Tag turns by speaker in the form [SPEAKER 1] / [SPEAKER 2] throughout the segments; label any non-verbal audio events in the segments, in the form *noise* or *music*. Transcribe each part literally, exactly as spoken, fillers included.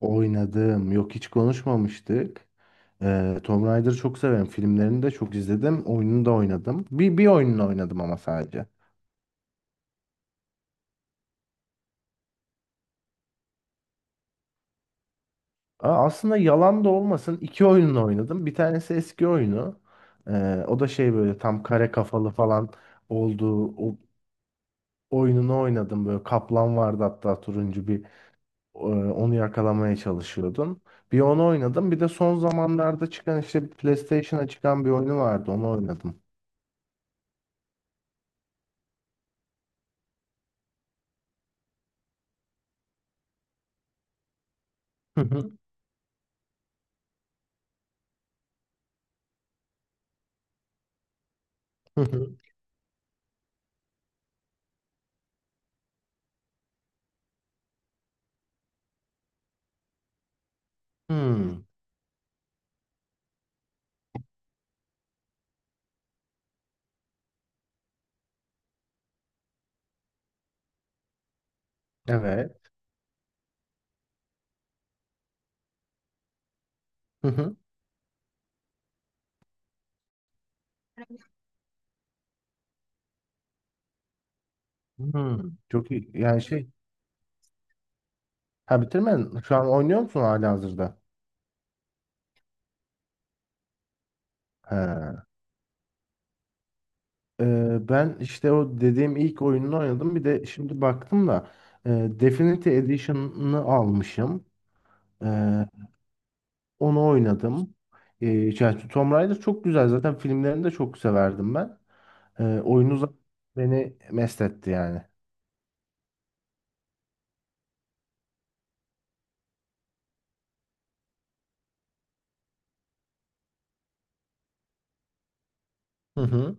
[SPEAKER 1] Oynadım. Yok hiç konuşmamıştık. Ee, Tomb Raider'ı çok severim. Filmlerini de çok izledim. Oyununu da oynadım. Bir, bir oyununu oynadım ama sadece. Aa, aslında yalan da olmasın, iki oyununu oynadım. Bir tanesi eski oyunu. Ee, o da şey, böyle tam kare kafalı falan olduğu o oyununu oynadım. Böyle kaplan vardı hatta, turuncu bir, e, onu yakalamaya çalışıyordun. Bir onu oynadım. Bir de son zamanlarda çıkan, işte PlayStation'a çıkan bir oyunu vardı. Onu oynadım. Hı hı, hı hı. Hmm. Evet. Hı hı. Hmm. Çok iyi. Yani şey. Ha, bitirmedin. Şu an oynuyor musun halihazırda? He. Ee, ben işte o dediğim ilk oyununu oynadım. Bir de şimdi baktım da, e, Definitive Edition'ını almışım. Ee, Onu oynadım. Ee, Yani Tomb Raider çok güzel. Zaten filmlerini de çok severdim ben. Ee, oyunu zaten beni mest etti yani. Hı hı.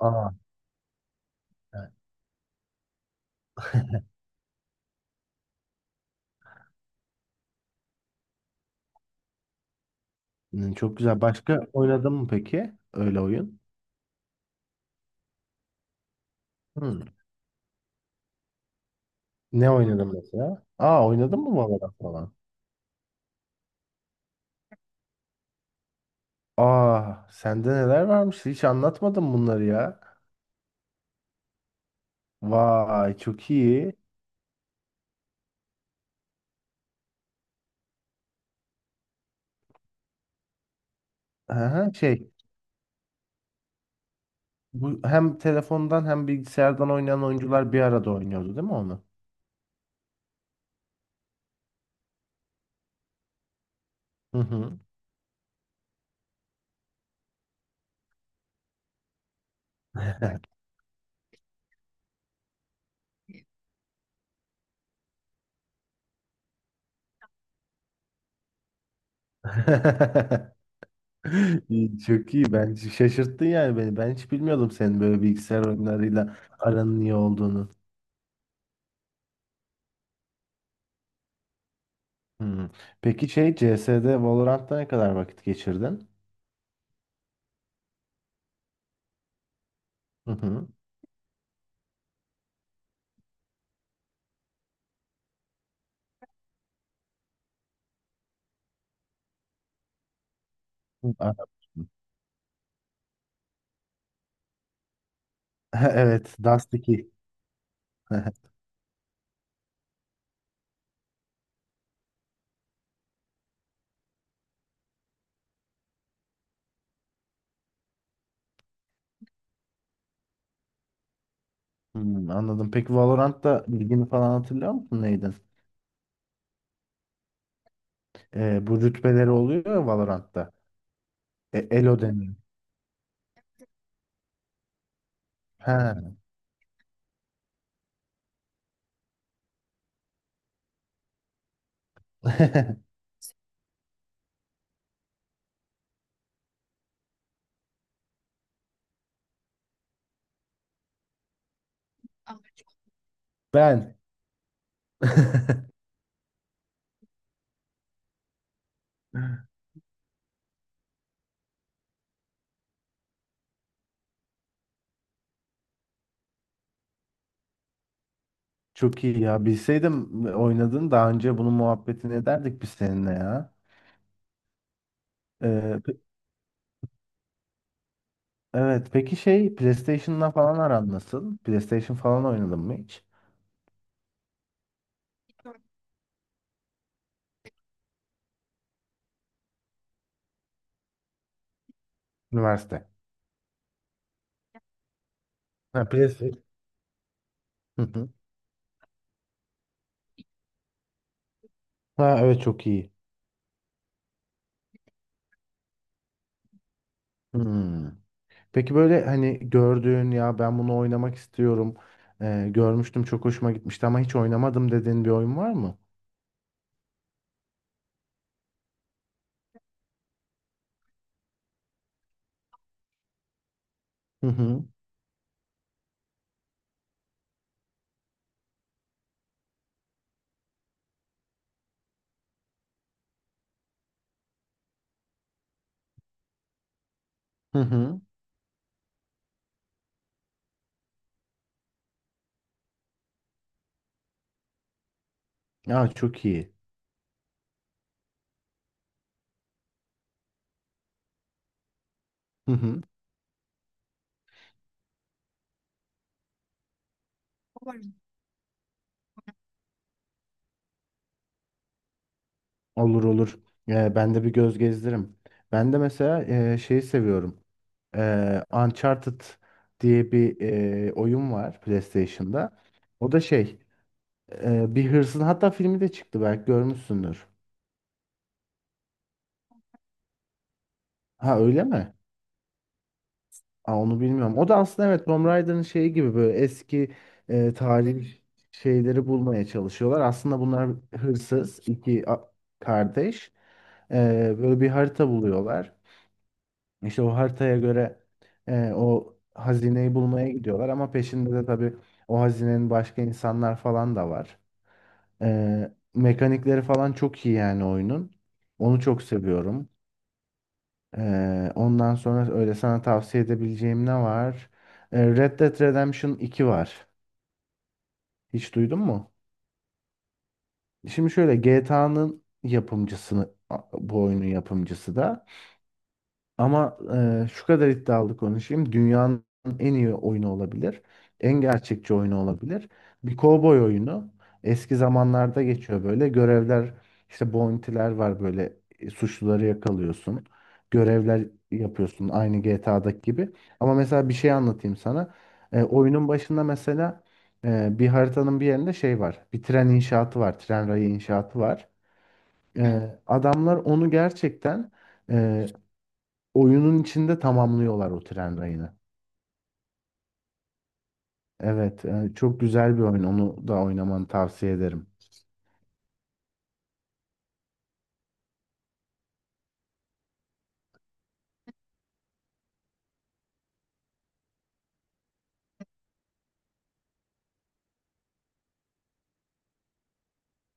[SPEAKER 1] Aa, evet. Hı, çok güzel. Başka oynadın mı peki? Öyle oyun. Hı. Ne oynadın mesela? Aa, oynadın mı Valorant falan? Aa, sende neler varmış? Hiç anlatmadın bunları ya. Vay, çok iyi. Aha, şey, bu hem telefondan hem bilgisayardan oynayan oyuncular bir arada oynuyordu değil mi onu? Hı hı. *laughs* İyi, çok iyi. Ben şaşırttın yani beni. Ben hiç bilmiyordum senin böyle bilgisayar oyunlarıyla aranın iyi olduğunu. Hı. Peki şey, C S'de Valorant'ta ne kadar vakit geçirdin? Hı hı. Hı. *laughs* Evet, Dust iki. *laughs* Hmm, anladım. Peki Valorant'ta bilgini falan hatırlıyor musun? Neydi? Ee, bu rütbeleri oluyor ya Valorant'ta. E, Elo deniyor. Ha. *laughs* Ben. *laughs* Çok iyi ya. Bilseydim oynadın daha önce, bunun muhabbetini ederdik biz seninle ya. Ee, pe- evet. Peki şey, PlayStation'la falan aran nasıl? PlayStation falan oynadın mı hiç? Üniversite. Ha, PlayStation. Hı hı. Ha, evet, çok iyi. Hmm. Peki böyle, hani gördüğün ya, ben bunu oynamak istiyorum. E, görmüştüm, çok hoşuma gitmişti ama hiç oynamadım dediğin bir oyun var mı? Hı hı. Hı hı. Ya, çok iyi. Hı hı. Var. Olur olur. Ee, ben de bir göz gezdiririm. Ben de mesela, e, şeyi seviyorum. Ee, Uncharted diye bir, e, oyun var PlayStation'da. O da şey, e, bir hırsız, hatta filmi de çıktı, belki görmüşsündür. Ha, öyle mi? Aa, onu bilmiyorum. O da aslında, evet, Tomb Raider'ın şeyi gibi, böyle eski, e, tarihi şeyleri bulmaya çalışıyorlar. Aslında bunlar hırsız iki a- kardeş. E, Böyle bir harita buluyorlar. İşte o haritaya göre e, o hazineyi bulmaya gidiyorlar ama peşinde de tabii, o hazinenin, başka insanlar falan da var. E, mekanikleri falan çok iyi yani oyunun. Onu çok seviyorum. Ee, ondan sonra öyle sana tavsiye edebileceğim ne var? Ee, Red Dead Redemption iki var. Hiç duydun mu? Şimdi şöyle, G T A'nın yapımcısını, bu oyunun yapımcısı da. Ama e, şu kadar iddialı konuşayım. Dünyanın en iyi oyunu olabilir. En gerçekçi oyunu olabilir. Bir kovboy oyunu. Eski zamanlarda geçiyor böyle. Görevler, işte bounty'ler var böyle. E, Suçluları yakalıyorsun. Görevler yapıyorsun aynı G T A'daki gibi. Ama mesela bir şey anlatayım sana. E, oyunun başında mesela, e, bir haritanın bir yerinde şey var. Bir tren inşaatı var. Tren rayı inşaatı var. E, adamlar onu gerçekten, e, oyunun içinde tamamlıyorlar o tren rayını. Evet, e, çok güzel bir oyun. Onu da oynamanı tavsiye ederim.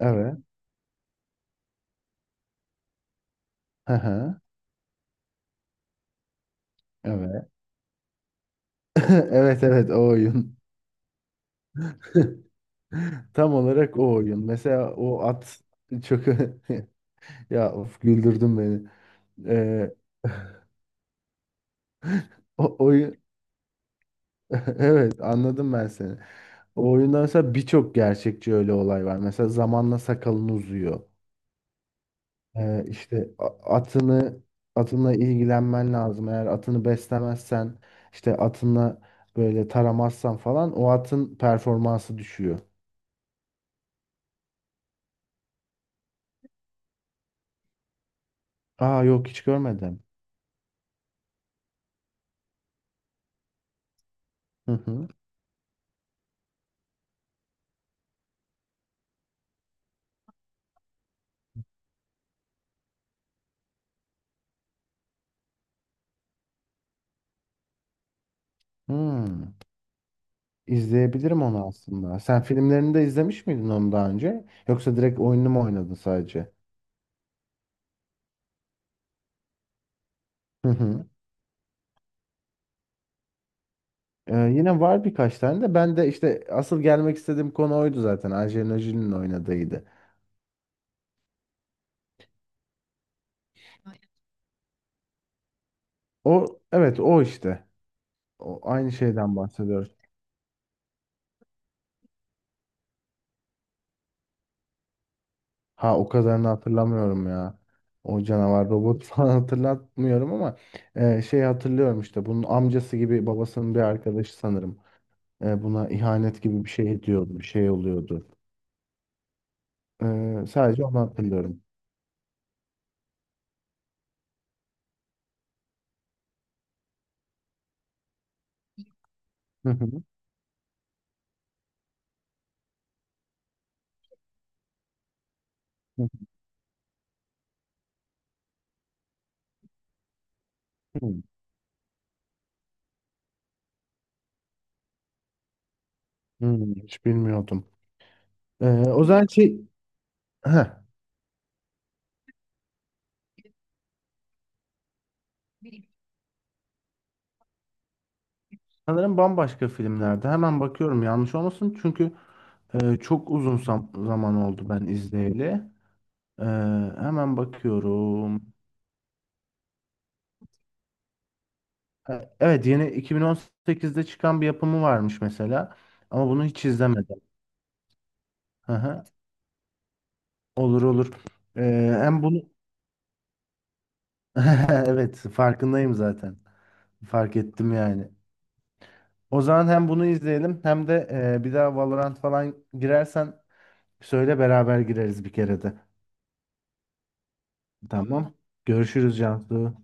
[SPEAKER 1] Evet. Hı hı. Evet. *laughs* Evet evet, o oyun. *laughs* Tam olarak o oyun. Mesela o at çok *laughs* ya of, güldürdün beni. Ee, O oyun. *laughs* Evet, anladım ben seni. O oyundan mesela birçok gerçekçi öyle olay var. Mesela zamanla sakalın uzuyor. Ee, işte a- atını atınla ilgilenmen lazım. Eğer atını beslemezsen, işte atınla böyle taramazsan falan, o atın performansı düşüyor. Aa, yok hiç görmedim. Hı hı. Hmm. İzleyebilirim onu aslında. Sen filmlerini de izlemiş miydin onu daha önce? Yoksa direkt oyununu mu oynadın sadece? Hı hı. Ee, yine var birkaç tane de. Ben de işte asıl gelmek istediğim konu oydu zaten. Angelina Jolie'nin oynadığıydı. O, evet, o işte. O, aynı şeyden bahsediyoruz. Ha, o kadarını hatırlamıyorum ya. O canavar robot *laughs* falan hatırlatmıyorum ama e, şey, hatırlıyorum, işte bunun amcası gibi, babasının bir arkadaşı sanırım. E, buna ihanet gibi bir şey ediyordu, bir şey oluyordu. E, sadece onu hatırlıyorum. Hı hı, hı hı. Hmm, hiç bilmiyordum. E, o zaman şey, heh, sanırım bambaşka filmlerde. Hemen bakıyorum yanlış olmasın, çünkü e, çok uzun zam- zaman oldu ben izleyeli. E, Hemen bakıyorum. E, Evet, yeni iki bin on sekizde çıkan bir yapımı varmış mesela. Ama bunu hiç izlemedim. Hı hı. Olur olur. E, Hem bunu *laughs* evet, farkındayım zaten. Fark ettim yani. O zaman hem bunu izleyelim, hem de e, bir daha Valorant falan girersen söyle, beraber gireriz bir kere de. Tamam. Tamam. Görüşürüz Cansu.